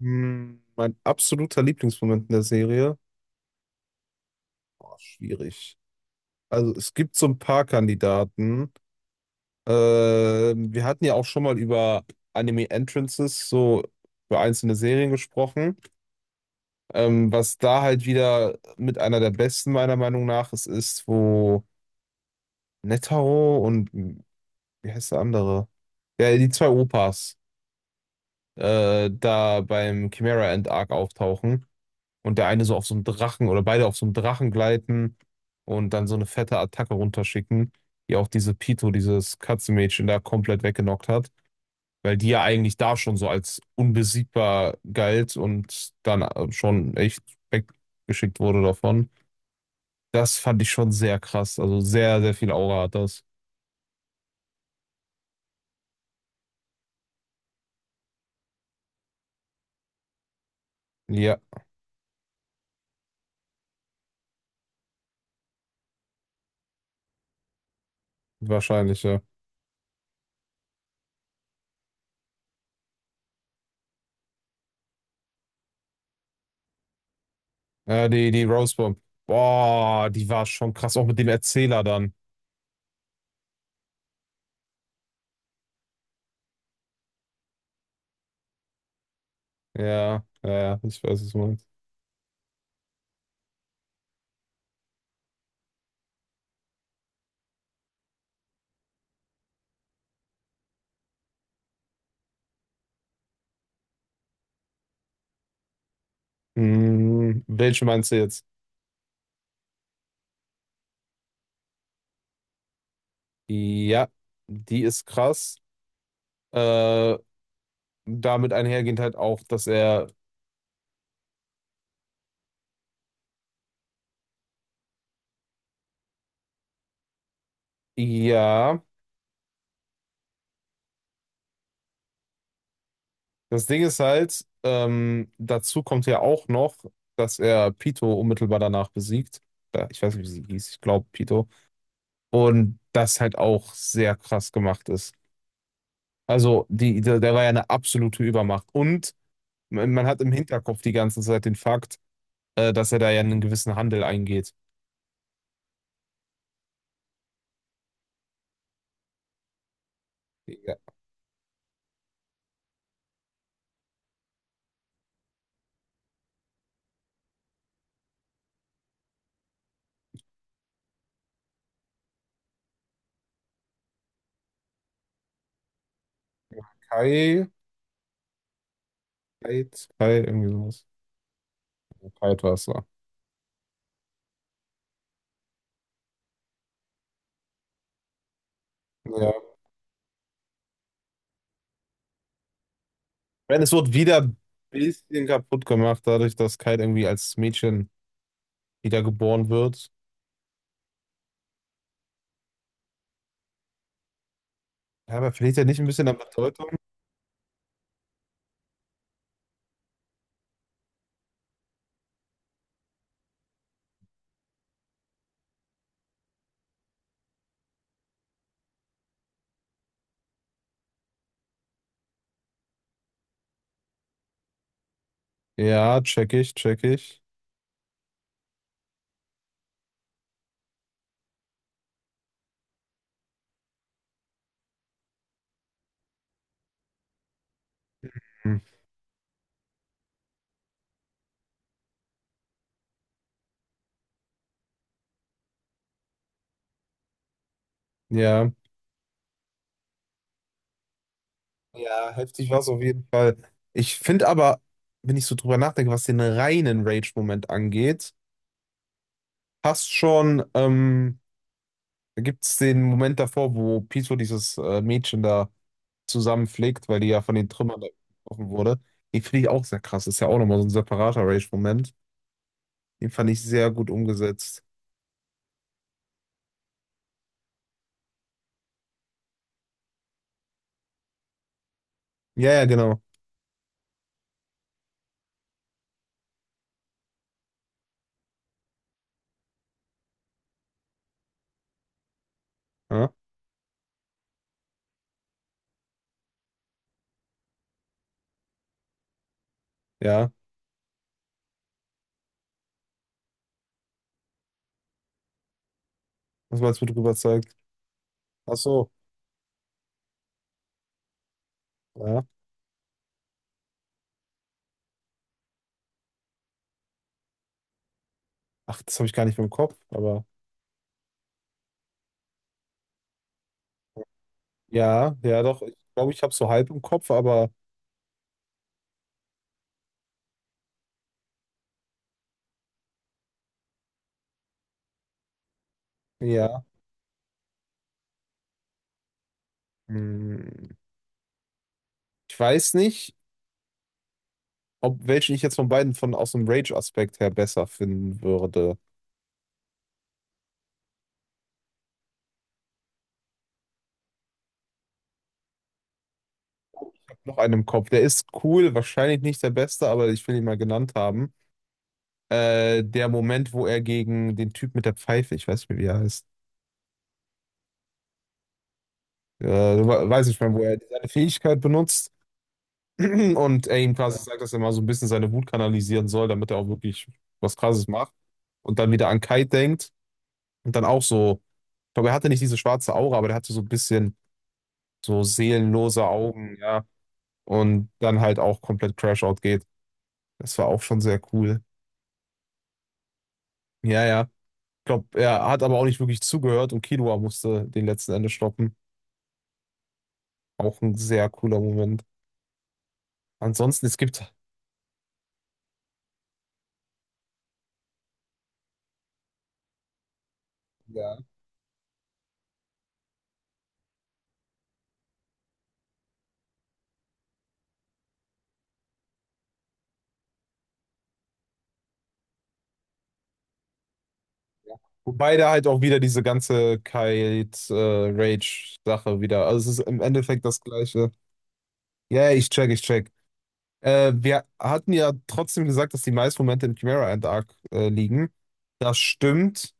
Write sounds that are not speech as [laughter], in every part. Mein absoluter Lieblingsmoment in der Serie? Boah, schwierig. Also es gibt so ein paar Kandidaten. Wir hatten ja auch schon mal über Anime Entrances, so über einzelne Serien gesprochen. Was da halt wieder mit einer der besten meiner Meinung nach ist, wo Netaro und wie heißt der andere? Ja, die zwei Opas da beim Chimera End Arc auftauchen. Und der eine so auf so einem Drachen oder beide auf so einem Drachen gleiten und dann so eine fette Attacke runterschicken, die auch diese Pito, dieses Katzenmädchen da komplett weggenockt hat, weil die ja eigentlich da schon so als unbesiegbar galt und dann schon echt weggeschickt wurde davon. Das fand ich schon sehr krass. Also sehr, sehr viel Aura hat das. Ja, wahrscheinlich, ja. Die Rosebomb. Boah, die war schon krass, auch mit dem Erzähler dann. Ja, ja, ja, ich weiß, was du meinst. Hm, welche meinst du jetzt? Ja, die ist krass. Äh, damit einhergehend halt auch, dass er, ja, das Ding ist halt, dazu kommt ja auch noch, dass er Pito unmittelbar danach besiegt. Ich weiß nicht, wie sie hieß, ich glaube Pito. Und das halt auch sehr krass gemacht ist. Also, die, der, der war ja eine absolute Übermacht. Und man hat im Hinterkopf die ganze Zeit den Fakt, dass er da ja einen gewissen Handel eingeht. Ja, Kai. Kai, Kai, irgendwie sowas. Kite war es da. Ja. Wenn es wird wieder ein bisschen kaputt gemacht, dadurch, dass Kite irgendwie als Mädchen wiedergeboren wird. Ja, aber verliert er nicht ein bisschen an Bedeutung? Ja, check ich, check ich. Hm. Ja. Ja, heftig war es auf jeden Fall. Ich finde aber, wenn ich so drüber nachdenke, was den reinen Rage-Moment angeht, passt schon, da gibt es den Moment davor, wo Pito dieses Mädchen da zusammenfliegt, weil die ja von den Trümmern da getroffen wurde. Den finde ich auch sehr krass. Ist ja auch nochmal so ein separater Rage-Moment. Den fand ich sehr gut umgesetzt. Ja, ja, genau. Ja, ja. Das war jetzt gut rüberzeigt. Ach so, ja. Ach, das habe ich gar nicht mehr im Kopf, aber ja, ja, doch. Ich glaube, ich habe so halb im Kopf, aber ja. Hm. Ich weiß nicht, ob welchen ich jetzt von beiden von aus dem Rage-Aspekt her besser finden würde. Noch einen im Kopf. Der ist cool, wahrscheinlich nicht der beste, aber ich will ihn mal genannt haben. Der Moment, wo er gegen den Typ mit der Pfeife, ich weiß nicht mehr, wie er heißt, weiß nicht mehr, wo er seine Fähigkeit benutzt [clears throat] und er ihm quasi Ja. sagt, dass er mal so ein bisschen seine Wut kanalisieren soll, damit er auch wirklich was Krasses macht und dann wieder an Kai denkt und dann auch so, ich glaube, er hatte nicht diese schwarze Aura, aber der hatte so ein bisschen so seelenlose Augen, ja, und dann halt auch komplett Crash-Out geht. Das war auch schon sehr cool. Ja, ja. Ich glaube, er hat aber auch nicht wirklich zugehört und Killua musste den letzten Ende stoppen. Auch ein sehr cooler Moment. Ansonsten, es gibt, ja. Wobei da halt auch wieder diese ganze Kite-Rage-Sache wieder. Also es ist im Endeffekt das Gleiche. Ja, yeah, ich check, ich check. Wir hatten ja trotzdem gesagt, dass die meisten Momente im Chimera Ant Arc liegen. Das stimmt.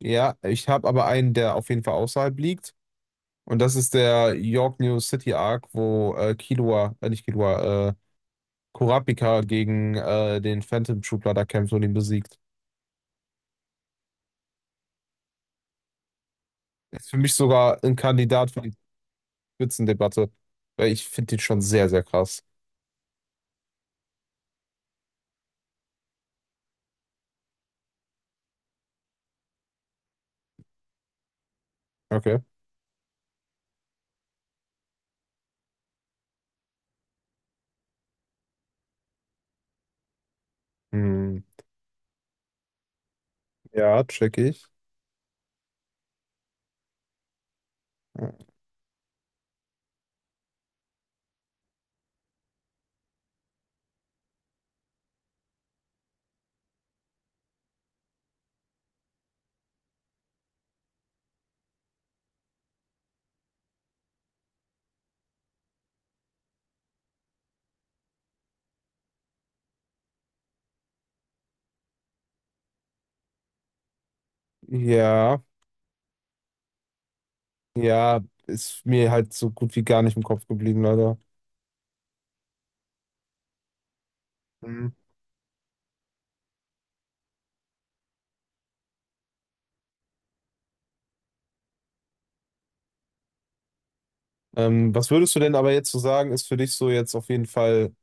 Ja, ich habe aber einen, der auf jeden Fall außerhalb liegt. Und das ist der York New City Arc, wo Killua, nicht Killua, Kurapika gegen den Phantom Troopler da kämpft und ihn besiegt. Ist für mich sogar ein Kandidat für die Spitzendebatte, weil ich finde ihn schon sehr, sehr krass. Okay. Hm. Ja, check ich. Ja, ja, ist mir halt so gut wie gar nicht im Kopf geblieben, leider. Mhm. Was würdest du denn aber jetzt so sagen, ist für dich so jetzt auf jeden Fall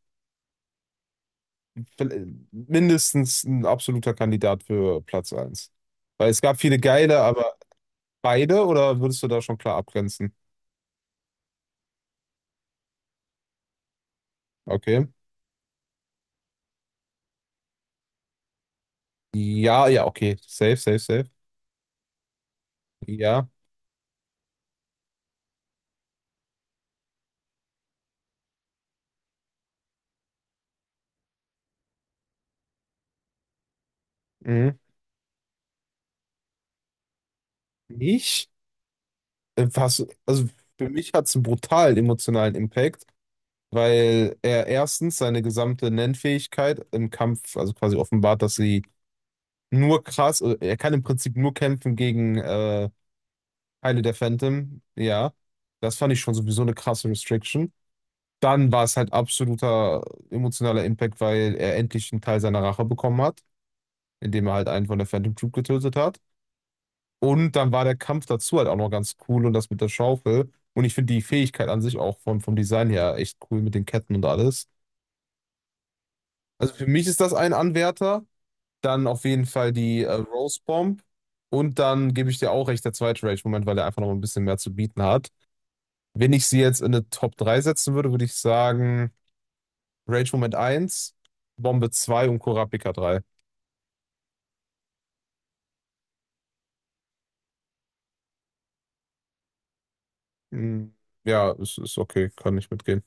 mindestens ein absoluter Kandidat für Platz 1? Weil es gab viele geile, aber beide oder würdest du da schon klar abgrenzen? Okay. Ja, ja, okay. Safe, safe, safe. Ja. Mhm. Nicht? Was, also für mich hat es einen brutalen emotionalen Impact, weil er erstens seine gesamte Nennfähigkeit im Kampf, also quasi offenbart, dass sie nur krass, er kann im Prinzip nur kämpfen gegen Teile der Phantom, ja. Das fand ich schon sowieso eine krasse Restriction. Dann war es halt absoluter emotionaler Impact, weil er endlich einen Teil seiner Rache bekommen hat, indem er halt einen von der Phantom Troop getötet hat. Und dann war der Kampf dazu halt auch noch ganz cool und das mit der Schaufel. Und ich finde die Fähigkeit an sich auch vom, vom Design her echt cool mit den Ketten und alles. Also für mich ist das ein Anwärter. Dann auf jeden Fall die Rose Bomb. Und dann gebe ich dir auch recht, der zweite Rage-Moment, weil er einfach noch ein bisschen mehr zu bieten hat. Wenn ich sie jetzt in eine Top 3 setzen würde, würde ich sagen Rage-Moment eins, Bombe zwei und Kurapika drei. Hm, ja, ist okay, kann ich mitgehen.